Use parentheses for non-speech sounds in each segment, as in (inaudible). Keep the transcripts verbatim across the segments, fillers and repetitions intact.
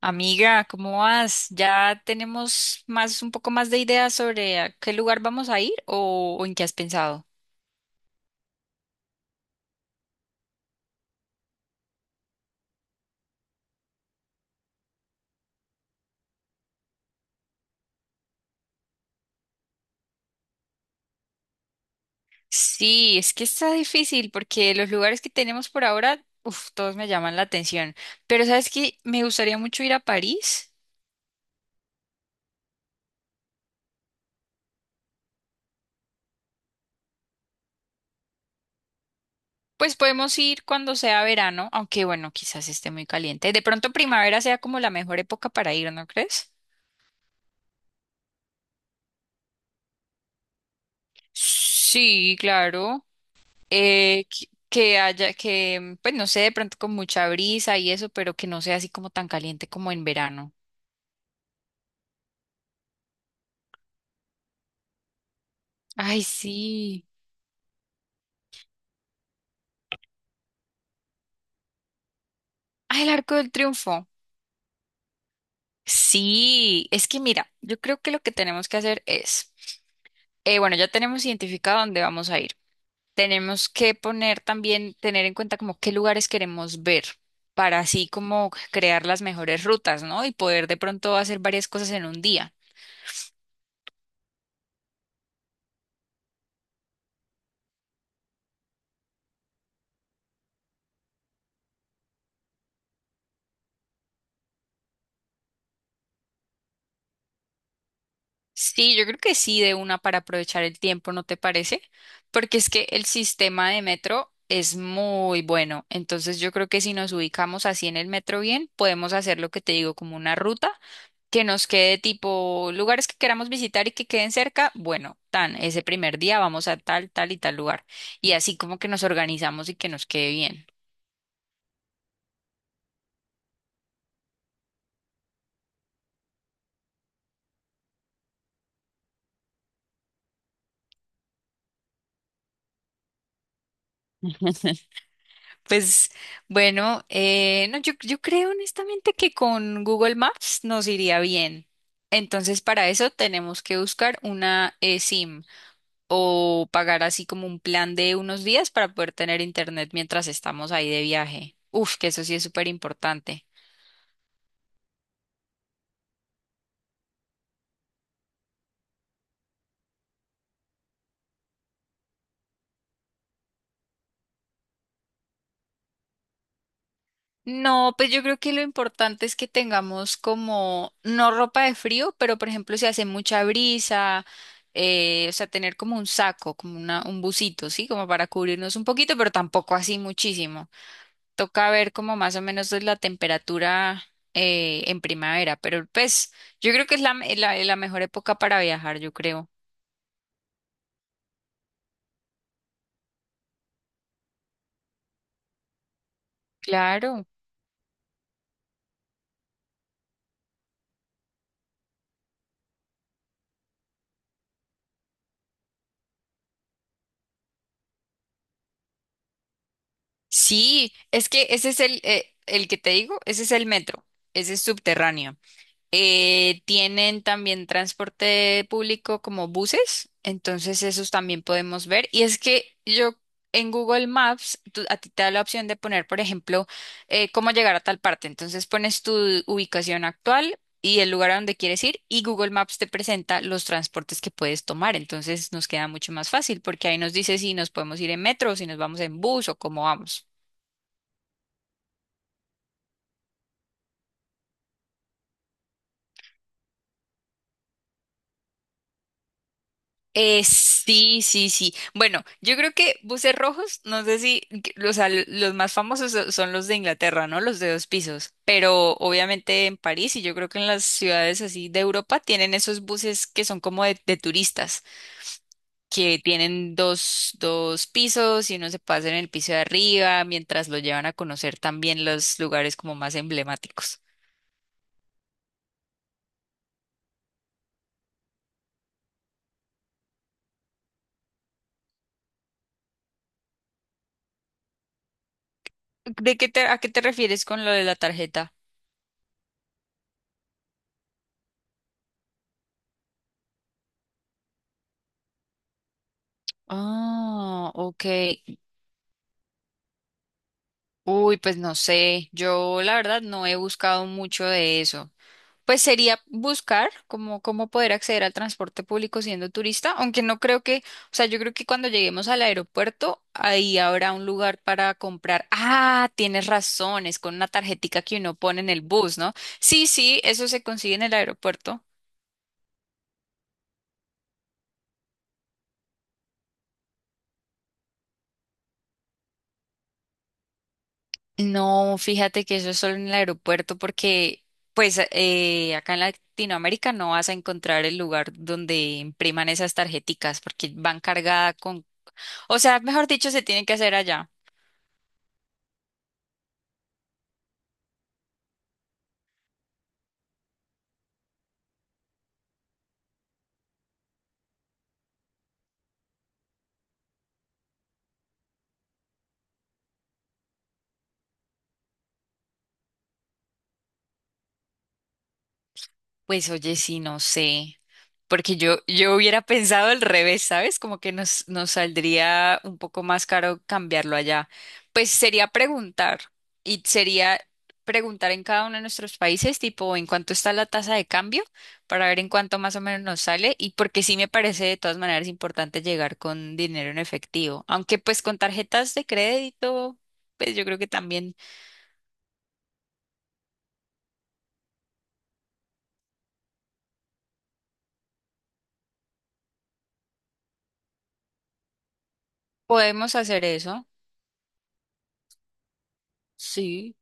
Amiga, ¿cómo vas? ¿Ya tenemos más, un poco más de ideas sobre a qué lugar vamos a ir o, o en qué has pensado? Sí, es que está difícil porque los lugares que tenemos por ahora, uf, todos me llaman la atención. Pero sabes que me gustaría mucho ir a París. Pues podemos ir cuando sea verano, aunque bueno, quizás esté muy caliente. De pronto primavera sea como la mejor época para ir, ¿no crees? Sí, claro. eh, que que haya, que, pues no sé, de pronto con mucha brisa y eso, pero que no sea así como tan caliente como en verano. Ay, sí. Ay, el Arco del Triunfo. Sí, es que mira, yo creo que lo que tenemos que hacer es, eh, bueno, ya tenemos identificado dónde vamos a ir. Tenemos que poner también, tener en cuenta como qué lugares queremos ver para así como crear las mejores rutas, ¿no? Y poder de pronto hacer varias cosas en un día. Sí, yo creo que sí, de una para aprovechar el tiempo, ¿no te parece? Porque es que el sistema de metro es muy bueno. Entonces yo creo que si nos ubicamos así en el metro bien, podemos hacer lo que te digo, como una ruta que nos quede tipo lugares que queramos visitar y que queden cerca. Bueno, tan, ese primer día vamos a tal, tal y tal lugar. Y así como que nos organizamos y que nos quede bien. Pues bueno, eh, no, yo, yo creo honestamente que con Google Maps nos iría bien. Entonces, para eso tenemos que buscar una eh, SIM o pagar así como un plan de unos días para poder tener internet mientras estamos ahí de viaje. Uf, que eso sí es súper importante. No, pues yo creo que lo importante es que tengamos como, no ropa de frío, pero por ejemplo si hace mucha brisa, eh, o sea, tener como un saco, como una, un busito, ¿sí? Como para cubrirnos un poquito, pero tampoco así muchísimo. Toca ver como más o menos es la temperatura eh, en primavera, pero pues yo creo que es la, me- la, la mejor época para viajar, yo creo. Claro. Sí, es que ese es el, eh, el que te digo, ese es el metro, ese es subterráneo. Eh, tienen también transporte público como buses, entonces esos también podemos ver. Y es que yo en Google Maps, tú- a ti te da la opción de poner, por ejemplo, eh, cómo llegar a tal parte. Entonces pones tu ubicación actual y el lugar a donde quieres ir y Google Maps te presenta los transportes que puedes tomar. Entonces nos queda mucho más fácil porque ahí nos dice si nos podemos ir en metro, si nos vamos en bus o cómo vamos. Eh, sí, sí, sí. Bueno, yo creo que buses rojos, no sé si, que- o sea, l- los más famosos so- son los de Inglaterra, ¿no? Los de dos pisos. Pero obviamente en París y yo creo que en las ciudades así de Europa tienen esos buses que son como de, de turistas, que tienen dos, dos pisos y uno se pasa en el piso de arriba mientras lo llevan a conocer también los lugares como más emblemáticos. ¿De qué te, a qué te refieres con lo de la tarjeta? Ah, ok. Uy, pues no sé, yo la verdad no he buscado mucho de eso. Pues sería buscar cómo, cómo poder acceder al transporte público siendo turista, aunque no creo que, o sea, yo creo que cuando lleguemos al aeropuerto, ahí habrá un lugar para comprar. Ah, tienes razón, es con una tarjetica que uno pone en el bus, ¿no? Sí, sí, eso se consigue en el aeropuerto. No, fíjate que eso es solo en el aeropuerto porque pues eh, acá en Latinoamérica no vas a encontrar el lugar donde impriman esas tarjeticas porque van cargadas con, o sea, mejor dicho, se tienen que hacer allá. Pues oye, sí, no sé, porque yo, yo hubiera pensado al revés, ¿sabes? Como que nos, nos saldría un poco más caro cambiarlo allá. Pues sería preguntar, y sería preguntar en cada uno de nuestros países, tipo, en cuánto está la tasa de cambio, para ver en cuánto más o menos nos sale, y porque sí me parece de todas maneras importante llegar con dinero en efectivo, aunque pues con tarjetas de crédito, pues yo creo que también podemos hacer eso. Sí.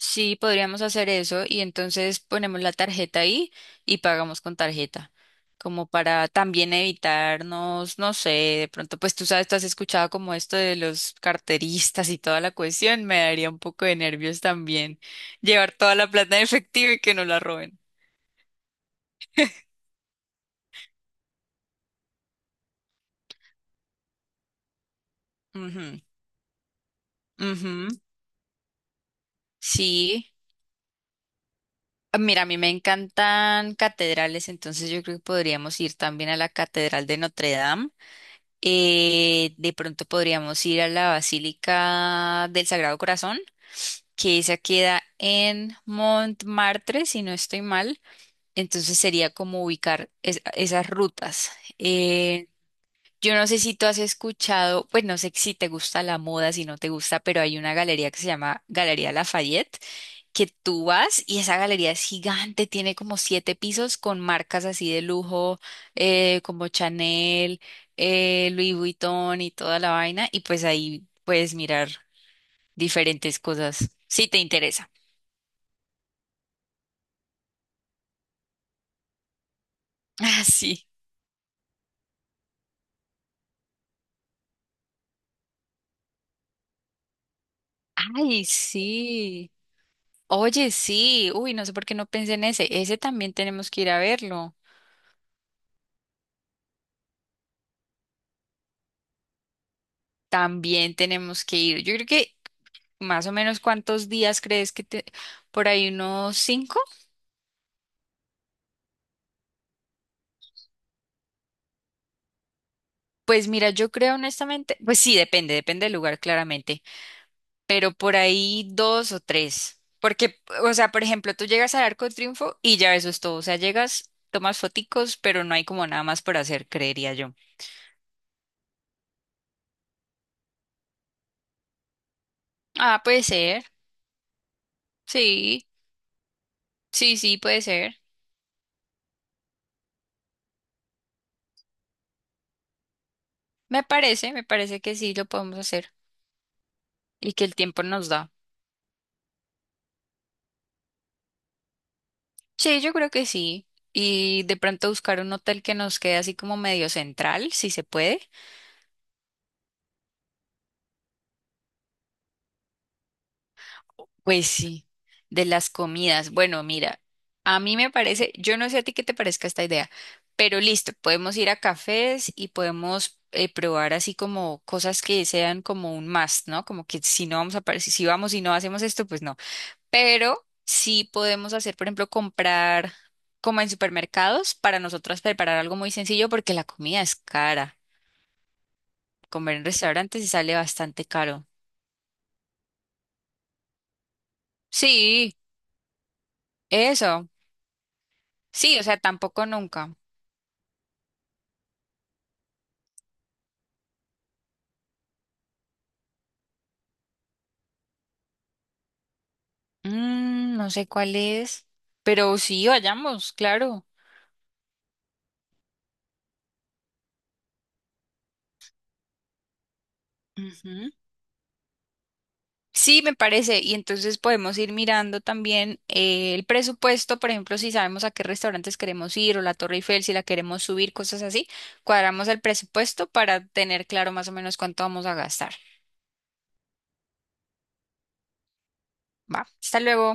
Sí, podríamos hacer eso y entonces ponemos la tarjeta ahí y pagamos con tarjeta, como para también evitarnos, no sé, de pronto, pues tú sabes, tú has escuchado como esto de los carteristas y toda la cuestión, me daría un poco de nervios también llevar toda la plata en efectivo y que no la roben. Ujú. Ujú. Sí. Ah, mira, a mí me encantan catedrales, entonces yo creo que podríamos ir también a la Catedral de Notre Dame. Eh, de pronto podríamos ir a la Basílica del Sagrado Corazón, que esa queda en Montmartre, si no estoy mal. Entonces sería como ubicar es- esas rutas. Eh, yo no sé si tú has escuchado, pues no sé si te gusta la moda, si no te gusta, pero hay una galería que se llama Galería Lafayette que tú vas y esa galería es gigante, tiene como siete pisos con marcas así de lujo, eh, como Chanel, eh, Louis Vuitton y toda la vaina, y pues ahí puedes mirar diferentes cosas, si te interesa. (laughs) Ah, sí. Ay, sí. Oye, sí. Uy, no sé por qué no pensé en ese. Ese también tenemos que ir a verlo. También tenemos que ir. Yo creo que más o menos cuántos días crees que te... Por ahí unos cinco. Pues mira, yo creo honestamente, pues sí, depende, depende del lugar claramente, pero por ahí dos o tres, porque, o sea, por ejemplo, tú llegas al Arco de Triunfo y ya eso es todo, o sea, llegas, tomas foticos, pero no hay como nada más por hacer, creería yo. Ah, puede ser, sí, sí, sí, puede ser. Me parece, me parece que sí lo podemos hacer y que el tiempo nos da. Sí, yo creo que sí. Y de pronto buscar un hotel que nos quede así como medio central, si se puede. Pues sí, de las comidas. Bueno, mira, a mí me parece, yo no sé a ti qué te parezca esta idea, pero listo, podemos ir a cafés y podemos eh, probar así como cosas que sean como un must, ¿no? Como que si no vamos a, par- si si vamos y no hacemos esto, pues no. Pero sí podemos hacer, por ejemplo, comprar como en supermercados para nosotras preparar algo muy sencillo porque la comida es cara. Comer en restaurantes sí sale bastante caro. Sí, eso. Sí, o sea, tampoco nunca. Mm, no sé cuál es, pero sí, vayamos, claro. Ujú. Sí, me parece. Y entonces podemos ir mirando también eh, el presupuesto, por ejemplo, si sabemos a qué restaurantes queremos ir o la Torre Eiffel, si la queremos subir, cosas así. Cuadramos el presupuesto para tener claro más o menos cuánto vamos a gastar. Va, hasta luego.